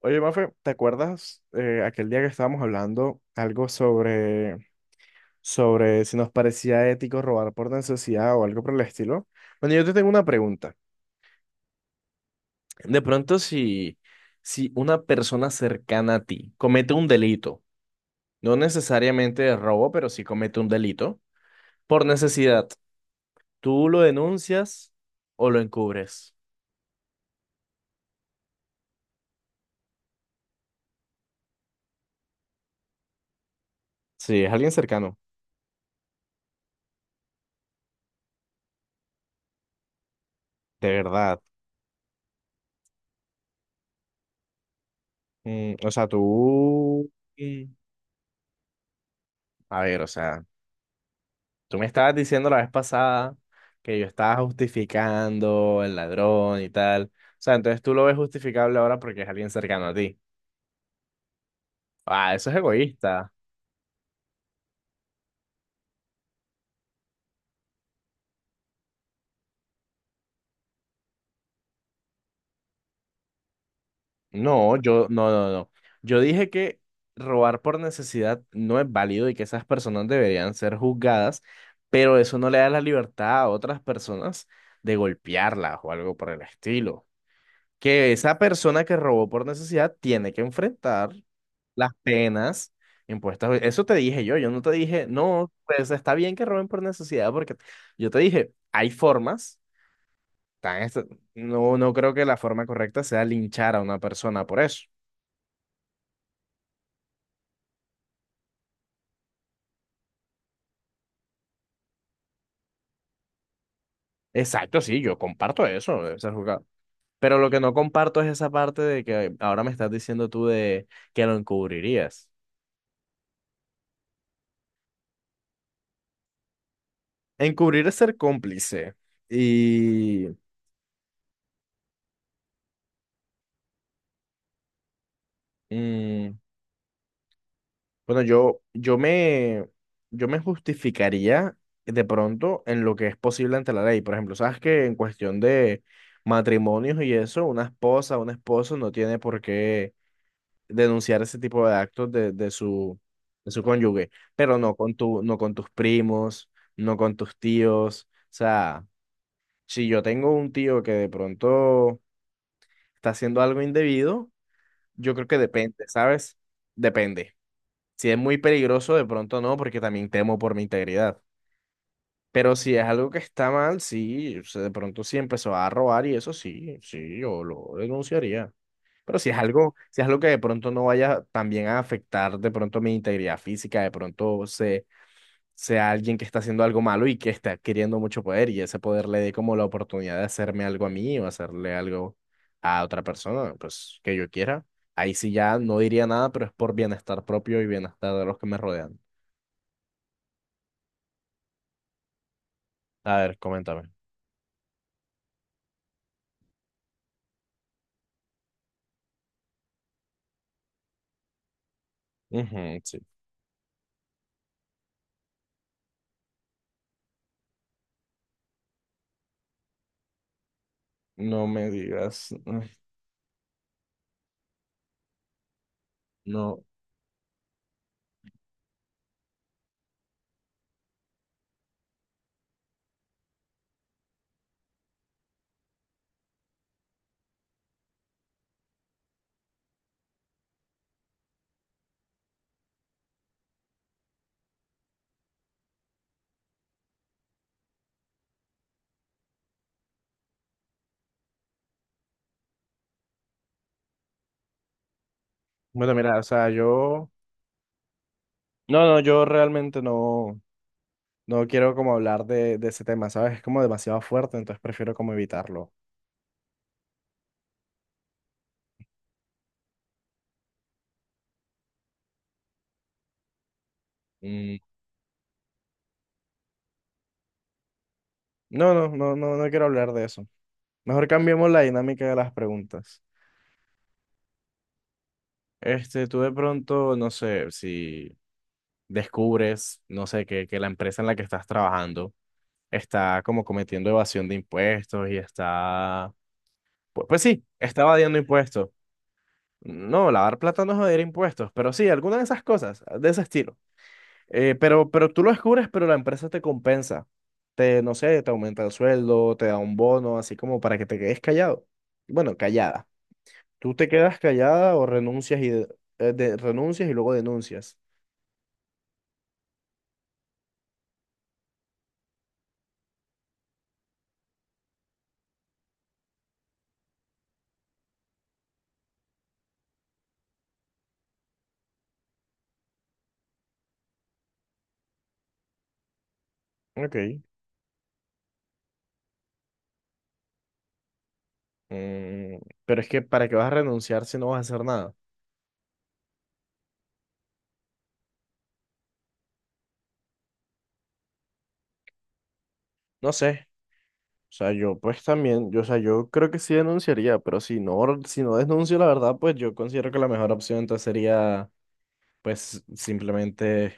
Oye, Mafe, ¿te acuerdas aquel día que estábamos hablando algo sobre si nos parecía ético robar por necesidad o algo por el estilo? Bueno, yo te tengo una pregunta. De pronto, si una persona cercana a ti comete un delito, no necesariamente de robo, pero sí comete un delito, por necesidad, ¿tú lo denuncias o lo encubres? Sí, es alguien cercano, de verdad. O sea, tú... Mm. A ver, o sea... Tú me estabas diciendo la vez pasada que yo estaba justificando el ladrón y tal. O sea, entonces tú lo ves justificable ahora porque es alguien cercano a ti. Ah, eso es egoísta. No, yo, no, no, no. Yo dije que robar por necesidad no es válido y que esas personas deberían ser juzgadas, pero eso no le da la libertad a otras personas de golpearlas o algo por el estilo. Que esa persona que robó por necesidad tiene que enfrentar las penas impuestas. Eso te dije yo, yo no te dije, no, pues está bien que roben por necesidad, porque yo te dije, hay formas, tan est- no, no creo que la forma correcta sea linchar a una persona por eso. Exacto, sí, yo comparto eso, esa jugada. Pero lo que no comparto es esa parte de que ahora me estás diciendo tú de que lo encubrirías. Encubrir es ser cómplice y mm, bueno, yo me justificaría de pronto en lo que es posible ante la ley. Por ejemplo, sabes que en cuestión de matrimonios y eso, una esposa, un esposo no tiene por qué denunciar ese tipo de actos de su cónyuge, pero no con tu, no con tus primos, no con tus tíos. O sea, si yo tengo un tío que de pronto está haciendo algo indebido, yo creo que depende, ¿sabes? Depende. Si es muy peligroso, de pronto no, porque también temo por mi integridad. Pero si es algo que está mal, sí, o sea, de pronto sí empezó a robar y eso sí, sí, yo lo denunciaría. Pero si es algo que de pronto no vaya también a afectar de pronto mi integridad física, de pronto se, sea alguien que está haciendo algo malo y que está adquiriendo mucho poder y ese poder le dé como la oportunidad de hacerme algo a mí o hacerle algo a otra persona, pues que yo quiera, ahí sí ya no diría nada, pero es por bienestar propio y bienestar de los que me rodean. A ver, coméntame. Ujú, sí. No me digas. Ay, no. Bueno, mira, o sea, yo. No, no, yo realmente no, no quiero como hablar de ese tema, ¿sabes? Es como demasiado fuerte, entonces prefiero como evitarlo. Mm, No, no, no, no, no quiero hablar de eso. Mejor cambiemos la dinámica de las preguntas. Tú de pronto, no sé, si descubres, no sé, que la empresa en la que estás trabajando está como cometiendo evasión de impuestos y está, pues sí, está evadiendo impuestos. No, lavar plata no es evadir impuestos, pero sí, alguna de esas cosas, de ese estilo. Pero tú lo descubres, pero la empresa te compensa. No sé, te aumenta el sueldo, te da un bono, así como para que te quedes callado. Bueno, callada. Tú te quedas callada o renuncias y, renuncias y luego denuncias. Ok. Mm, pero es que ¿para qué vas a renunciar si no vas a hacer nada? No sé. O sea, yo pues también, yo, o sea, yo creo que sí denunciaría, pero si no, si no denuncio la verdad, pues yo considero que la mejor opción entonces sería pues simplemente,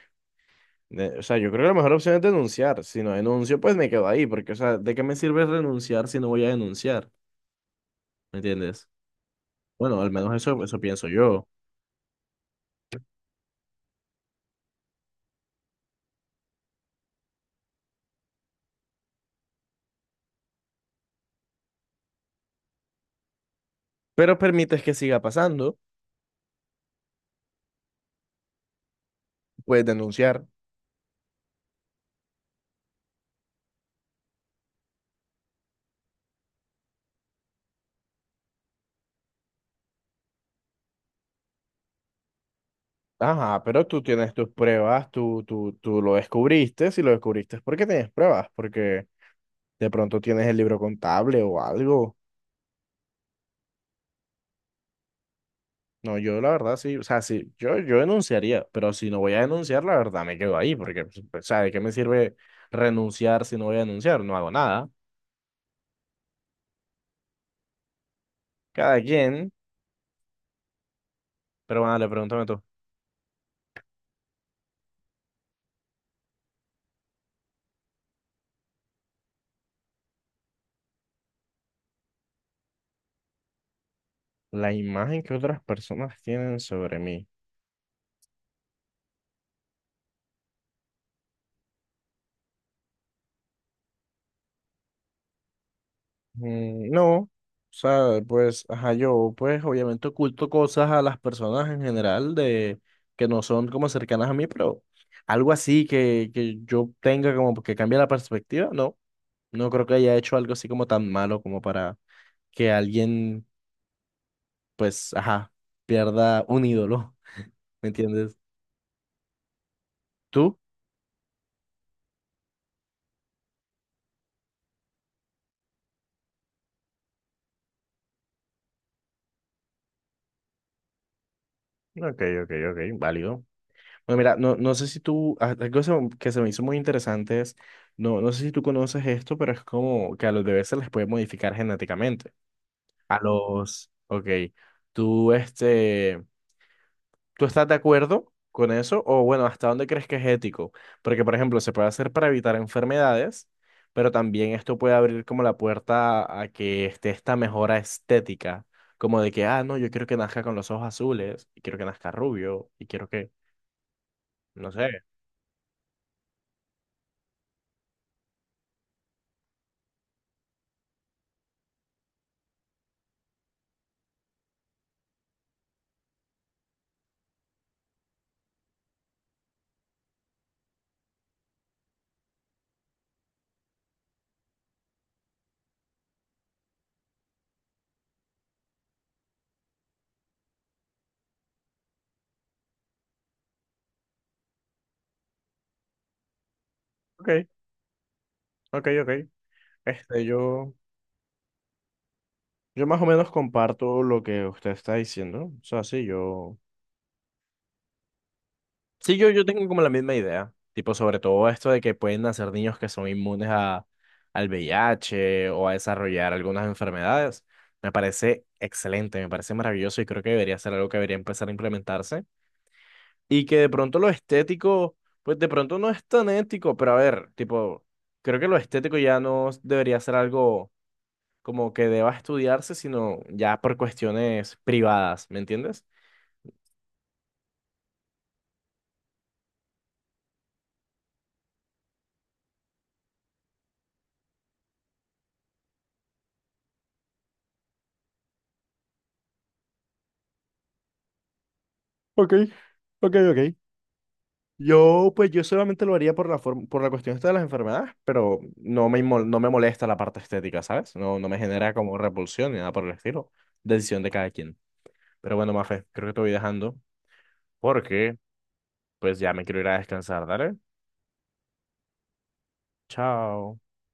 o sea, yo creo que la mejor opción es denunciar. Si no denuncio, pues me quedo ahí, porque, o sea, ¿de qué me sirve renunciar si no voy a denunciar? ¿Me entiendes? Bueno, al menos eso, eso pienso yo. Pero permites que siga pasando, puedes denunciar. Ajá, pero tú tienes tus pruebas, tú lo descubriste, si lo descubriste es porque tienes pruebas, porque de pronto tienes el libro contable o algo. No, yo la verdad sí, o sea, sí, yo denunciaría, pero si no voy a denunciar, la verdad me quedo ahí, porque, pues, o sea, ¿de qué me sirve renunciar si no voy a denunciar? No hago nada, cada quien, pero bueno, le pregúntame tú, ¿la imagen que otras personas tienen sobre mí? No, o sea, pues, ajá, yo, pues, obviamente oculto cosas a las personas en general de que no son como cercanas a mí, pero algo así que yo tenga como que cambie la perspectiva, no, no creo que haya hecho algo así como tan malo como para que alguien, pues, ajá, pierda un ídolo, ¿me entiendes? ¿Tú? Ok, ok, ok, válido. Bueno, mira, no, no sé si tú, ah, algo se que se me hizo muy interesante es, no, no sé si tú conoces esto, pero es como que a los bebés se les puede modificar genéticamente. A los, ok, tú, ¿tú estás de acuerdo con eso? O bueno, ¿hasta dónde crees que es ético? Porque, por ejemplo, se puede hacer para evitar enfermedades, pero también esto puede abrir como la puerta a que esté esta mejora estética, como de que, ah, no, yo quiero que nazca con los ojos azules, y quiero que nazca rubio, y quiero que, no sé. Ok, ok, ok. Este, yo, yo más o menos comparto lo que usted está diciendo. O sea, sí, yo sí, yo tengo como la misma idea, tipo sobre todo esto de que pueden nacer niños que son inmunes a, al VIH o a desarrollar algunas enfermedades. Me parece excelente, me parece maravilloso y creo que debería ser algo que debería empezar a implementarse. Y que de pronto lo estético, pues de pronto no es tan ético, pero a ver, tipo, creo que lo estético ya no debería ser algo como que deba estudiarse, sino ya por cuestiones privadas, ¿me entiendes? Ok, ok, ok. Yo, pues yo solamente lo haría por la forma, por la cuestión esta de las enfermedades, pero no me, no me molesta la parte estética, ¿sabes? No, no me genera como repulsión ni nada por el estilo. Decisión de cada quien. Pero bueno, Mafe, creo que te voy dejando porque pues ya me quiero ir a descansar, ¿dale? Chao.